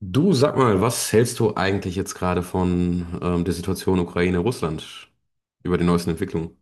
Du, sag mal, was hältst du eigentlich jetzt gerade von der Situation Ukraine-Russland über die neuesten Entwicklungen?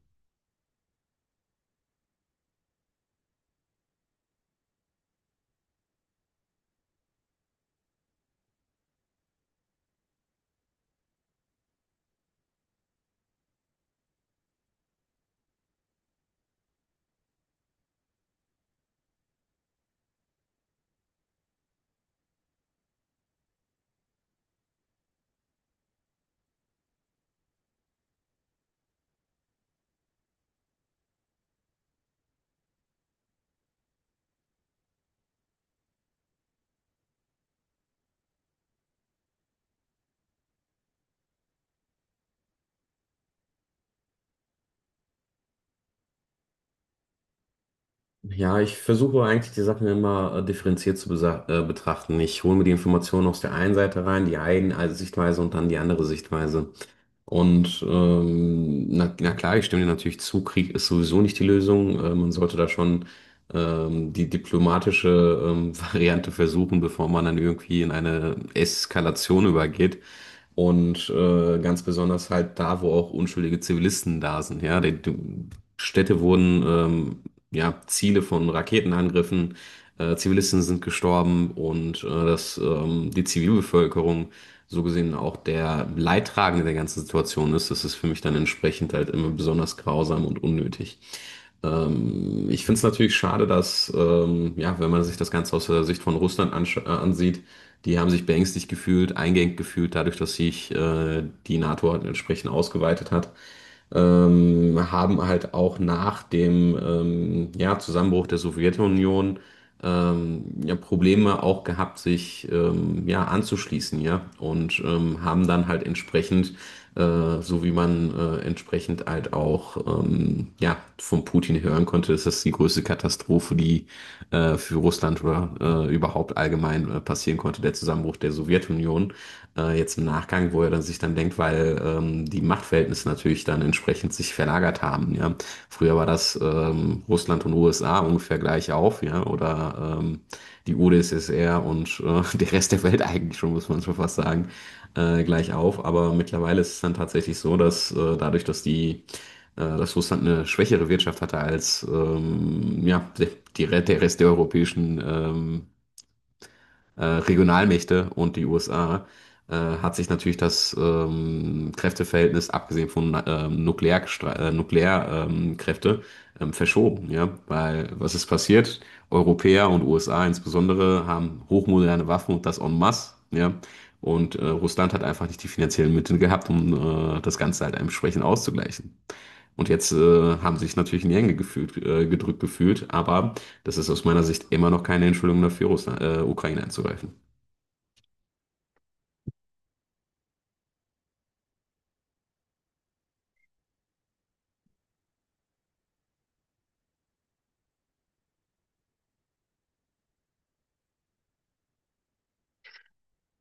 Ja, ich versuche eigentlich die Sachen immer differenziert zu betrachten. Ich hole mir die Informationen aus der einen Seite rein, die eine also Sichtweise und dann die andere Sichtweise. Und na klar, ich stimme dir natürlich zu, Krieg ist sowieso nicht die Lösung. Man sollte da schon die diplomatische Variante versuchen, bevor man dann irgendwie in eine Eskalation übergeht. Und ganz besonders halt da, wo auch unschuldige Zivilisten da sind. Ja, die Städte wurden ja, Ziele von Raketenangriffen, Zivilisten sind gestorben, und dass die Zivilbevölkerung so gesehen auch der Leidtragende der ganzen Situation ist, das ist für mich dann entsprechend halt immer besonders grausam und unnötig. Ich finde es natürlich schade, dass, ja, wenn man sich das Ganze aus der Sicht von Russland ansieht, die haben sich beängstigt gefühlt, eingeengt gefühlt, dadurch, dass sich die NATO halt entsprechend ausgeweitet hat, haben halt auch nach dem ja, Zusammenbruch der Sowjetunion ja, Probleme auch gehabt, sich ja, anzuschließen, ja, und haben dann halt entsprechend, so wie man entsprechend halt auch ja, von Putin hören konnte, ist das die größte Katastrophe, die für Russland oder überhaupt allgemein passieren konnte, der Zusammenbruch der Sowjetunion. Jetzt im Nachgang, wo er dann sich dann denkt, weil die Machtverhältnisse natürlich dann entsprechend sich verlagert haben. Ja. Früher war das Russland und USA ungefähr gleich auf, ja, oder die UdSSR und der Rest der Welt, eigentlich schon, muss man schon fast sagen, gleich auf. Aber mittlerweile ist es dann tatsächlich so, dass dadurch, dass die dass Russland eine schwächere Wirtschaft hatte als ja, der Rest der europäischen Regionalmächte und die USA, hat sich natürlich das Kräfteverhältnis, abgesehen von Nuklearkräfte, Kräfte, verschoben. Ja? Weil was ist passiert? Europäer und USA insbesondere haben hochmoderne Waffen, und das en masse. Ja? Und Russland hat einfach nicht die finanziellen Mittel gehabt, um das Ganze halt entsprechend auszugleichen. Und jetzt haben sie sich natürlich in die Enge gefühlt, gedrückt gefühlt, aber das ist aus meiner Sicht immer noch keine Entschuldigung dafür, Ukraine anzugreifen.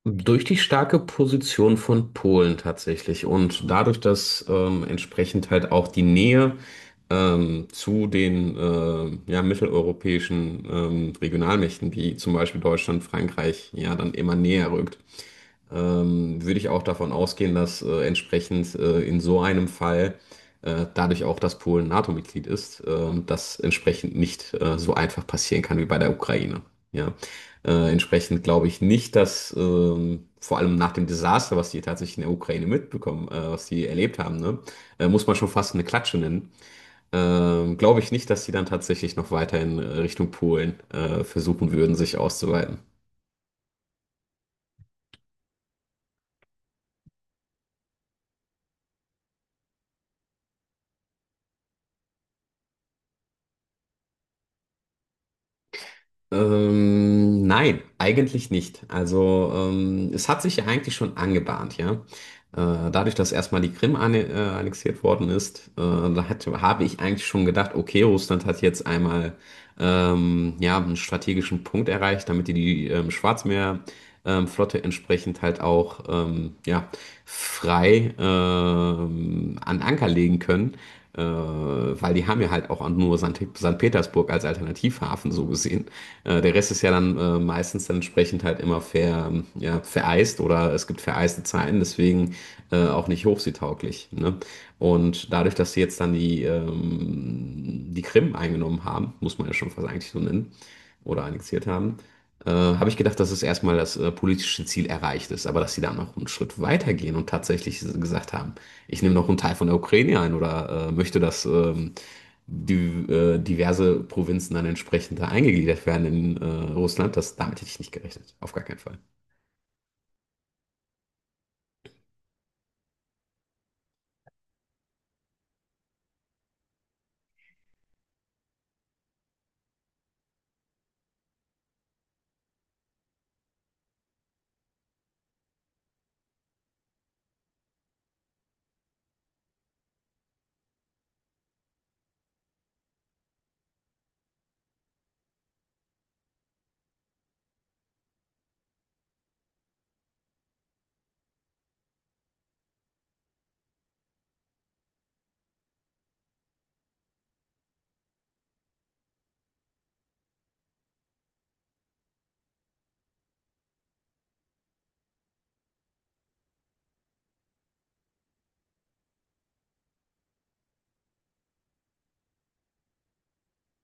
Durch die starke Position von Polen tatsächlich und dadurch, dass entsprechend halt auch die Nähe zu den ja, mitteleuropäischen Regionalmächten wie zum Beispiel Deutschland, Frankreich ja dann immer näher rückt, würde ich auch davon ausgehen, dass entsprechend in so einem Fall dadurch auch, dass Polen NATO-Mitglied ist, das entsprechend nicht so einfach passieren kann wie bei der Ukraine. Ja. Entsprechend glaube ich nicht, dass, vor allem nach dem Desaster, was die tatsächlich in der Ukraine mitbekommen, was die erlebt haben, ne, muss man schon fast eine Klatsche nennen. Glaube ich nicht, dass die dann tatsächlich noch weiter in Richtung Polen versuchen würden, sich auszuweiten. Nein, eigentlich nicht. Also es hat sich ja eigentlich schon angebahnt, ja. Dadurch, dass erstmal die Krim annexiert worden ist, habe ich eigentlich schon gedacht, okay, Russland hat jetzt einmal ja, einen strategischen Punkt erreicht, damit die die Schwarzmeerflotte, Flotte entsprechend halt auch ja, frei an Anker legen können, weil die haben ja halt auch nur St. Petersburg als Alternativhafen so gesehen. Der Rest ist ja dann meistens dann entsprechend halt immer ja, vereist, oder es gibt vereiste Zeiten, deswegen auch nicht hochseetauglich. Ne? Und dadurch, dass sie jetzt dann die Krim eingenommen haben, muss man ja schon fast eigentlich so nennen, oder annexiert haben, habe ich gedacht, dass es erstmal das politische Ziel erreicht ist, aber dass sie da noch einen Schritt weitergehen und tatsächlich gesagt haben, ich nehme noch einen Teil von der Ukraine ein, oder möchte, dass die, diverse Provinzen dann entsprechend da eingegliedert werden in Russland, damit hätte ich nicht gerechnet. Auf gar keinen Fall.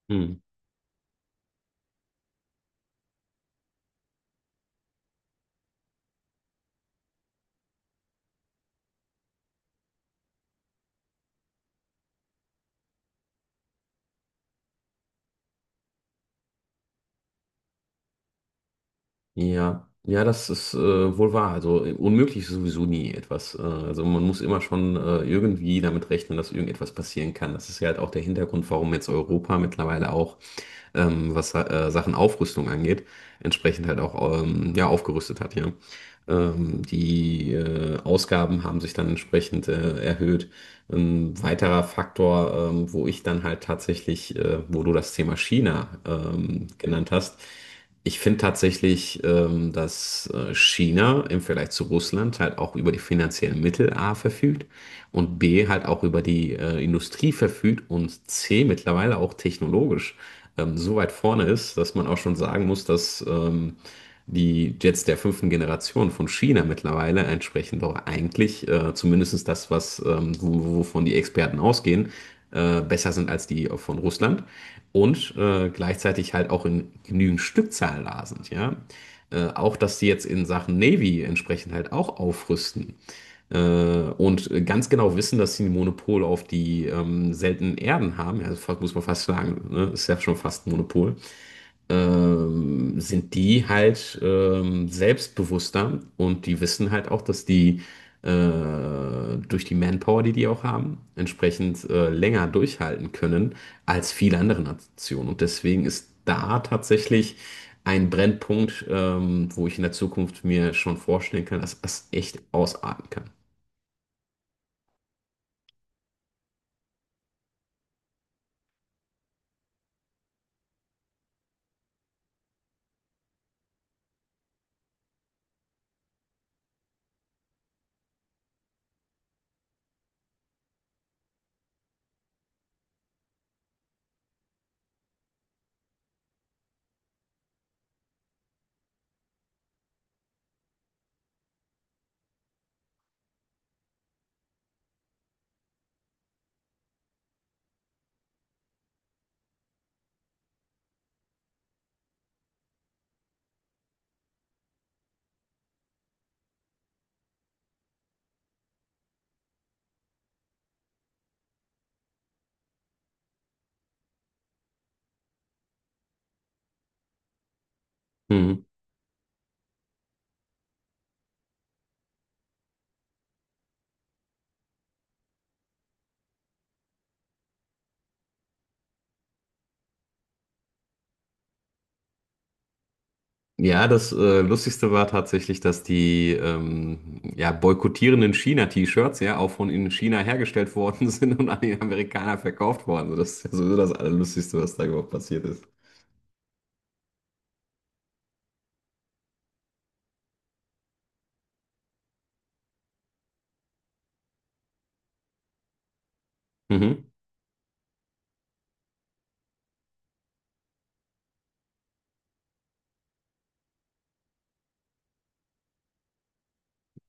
Hm. Ja, ja, das ist wohl wahr. Also unmöglich ist sowieso nie etwas. Also man muss immer schon irgendwie damit rechnen, dass irgendetwas passieren kann. Das ist ja halt auch der Hintergrund, warum jetzt Europa mittlerweile auch, was Sachen Aufrüstung angeht, entsprechend halt auch ja, aufgerüstet hat, ja. Die Ausgaben haben sich dann entsprechend erhöht. Ein weiterer Faktor, wo ich dann halt tatsächlich, wo du das Thema China genannt hast: ich finde tatsächlich, dass China im Vergleich zu Russland halt auch über die finanziellen Mittel A verfügt, und B halt auch über die Industrie verfügt, und C mittlerweile auch technologisch so weit vorne ist, dass man auch schon sagen muss, dass die Jets der fünften Generation von China mittlerweile entsprechen doch eigentlich, zumindest das, wovon die Experten ausgehen, besser sind als die von Russland und gleichzeitig halt auch in genügend Stückzahl da sind, ja. Auch, dass sie jetzt in Sachen Navy entsprechend halt auch aufrüsten und ganz genau wissen, dass sie ein Monopol auf die seltenen Erden haben. Ja, das muss man fast sagen, ne? Ist ja schon fast ein Monopol. Sind die halt selbstbewusster, und die wissen halt auch, dass die durch die Manpower, die die auch haben, entsprechend länger durchhalten können als viele andere Nationen. Und deswegen ist da tatsächlich ein Brennpunkt, wo ich in der Zukunft mir schon vorstellen kann, dass das echt ausarten kann. Ja, das Lustigste war tatsächlich, dass die ja, boykottierenden China-T-Shirts ja auch von in China hergestellt worden sind und an die Amerikaner verkauft worden. Also das ist ja sowieso das Allerlustigste, was da überhaupt passiert ist. Mhm.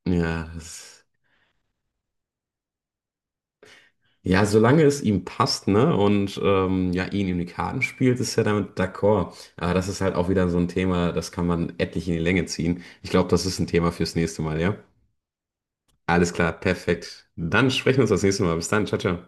Ja, das, ja, solange es ihm passt, ne, und ja, ihn in die Karten spielt, ist er damit d'accord. Aber das ist halt auch wieder so ein Thema, das kann man etlich in die Länge ziehen. Ich glaube, das ist ein Thema fürs nächste Mal, ja? Alles klar, perfekt. Dann sprechen wir uns das nächste Mal. Bis dann, ciao, ciao.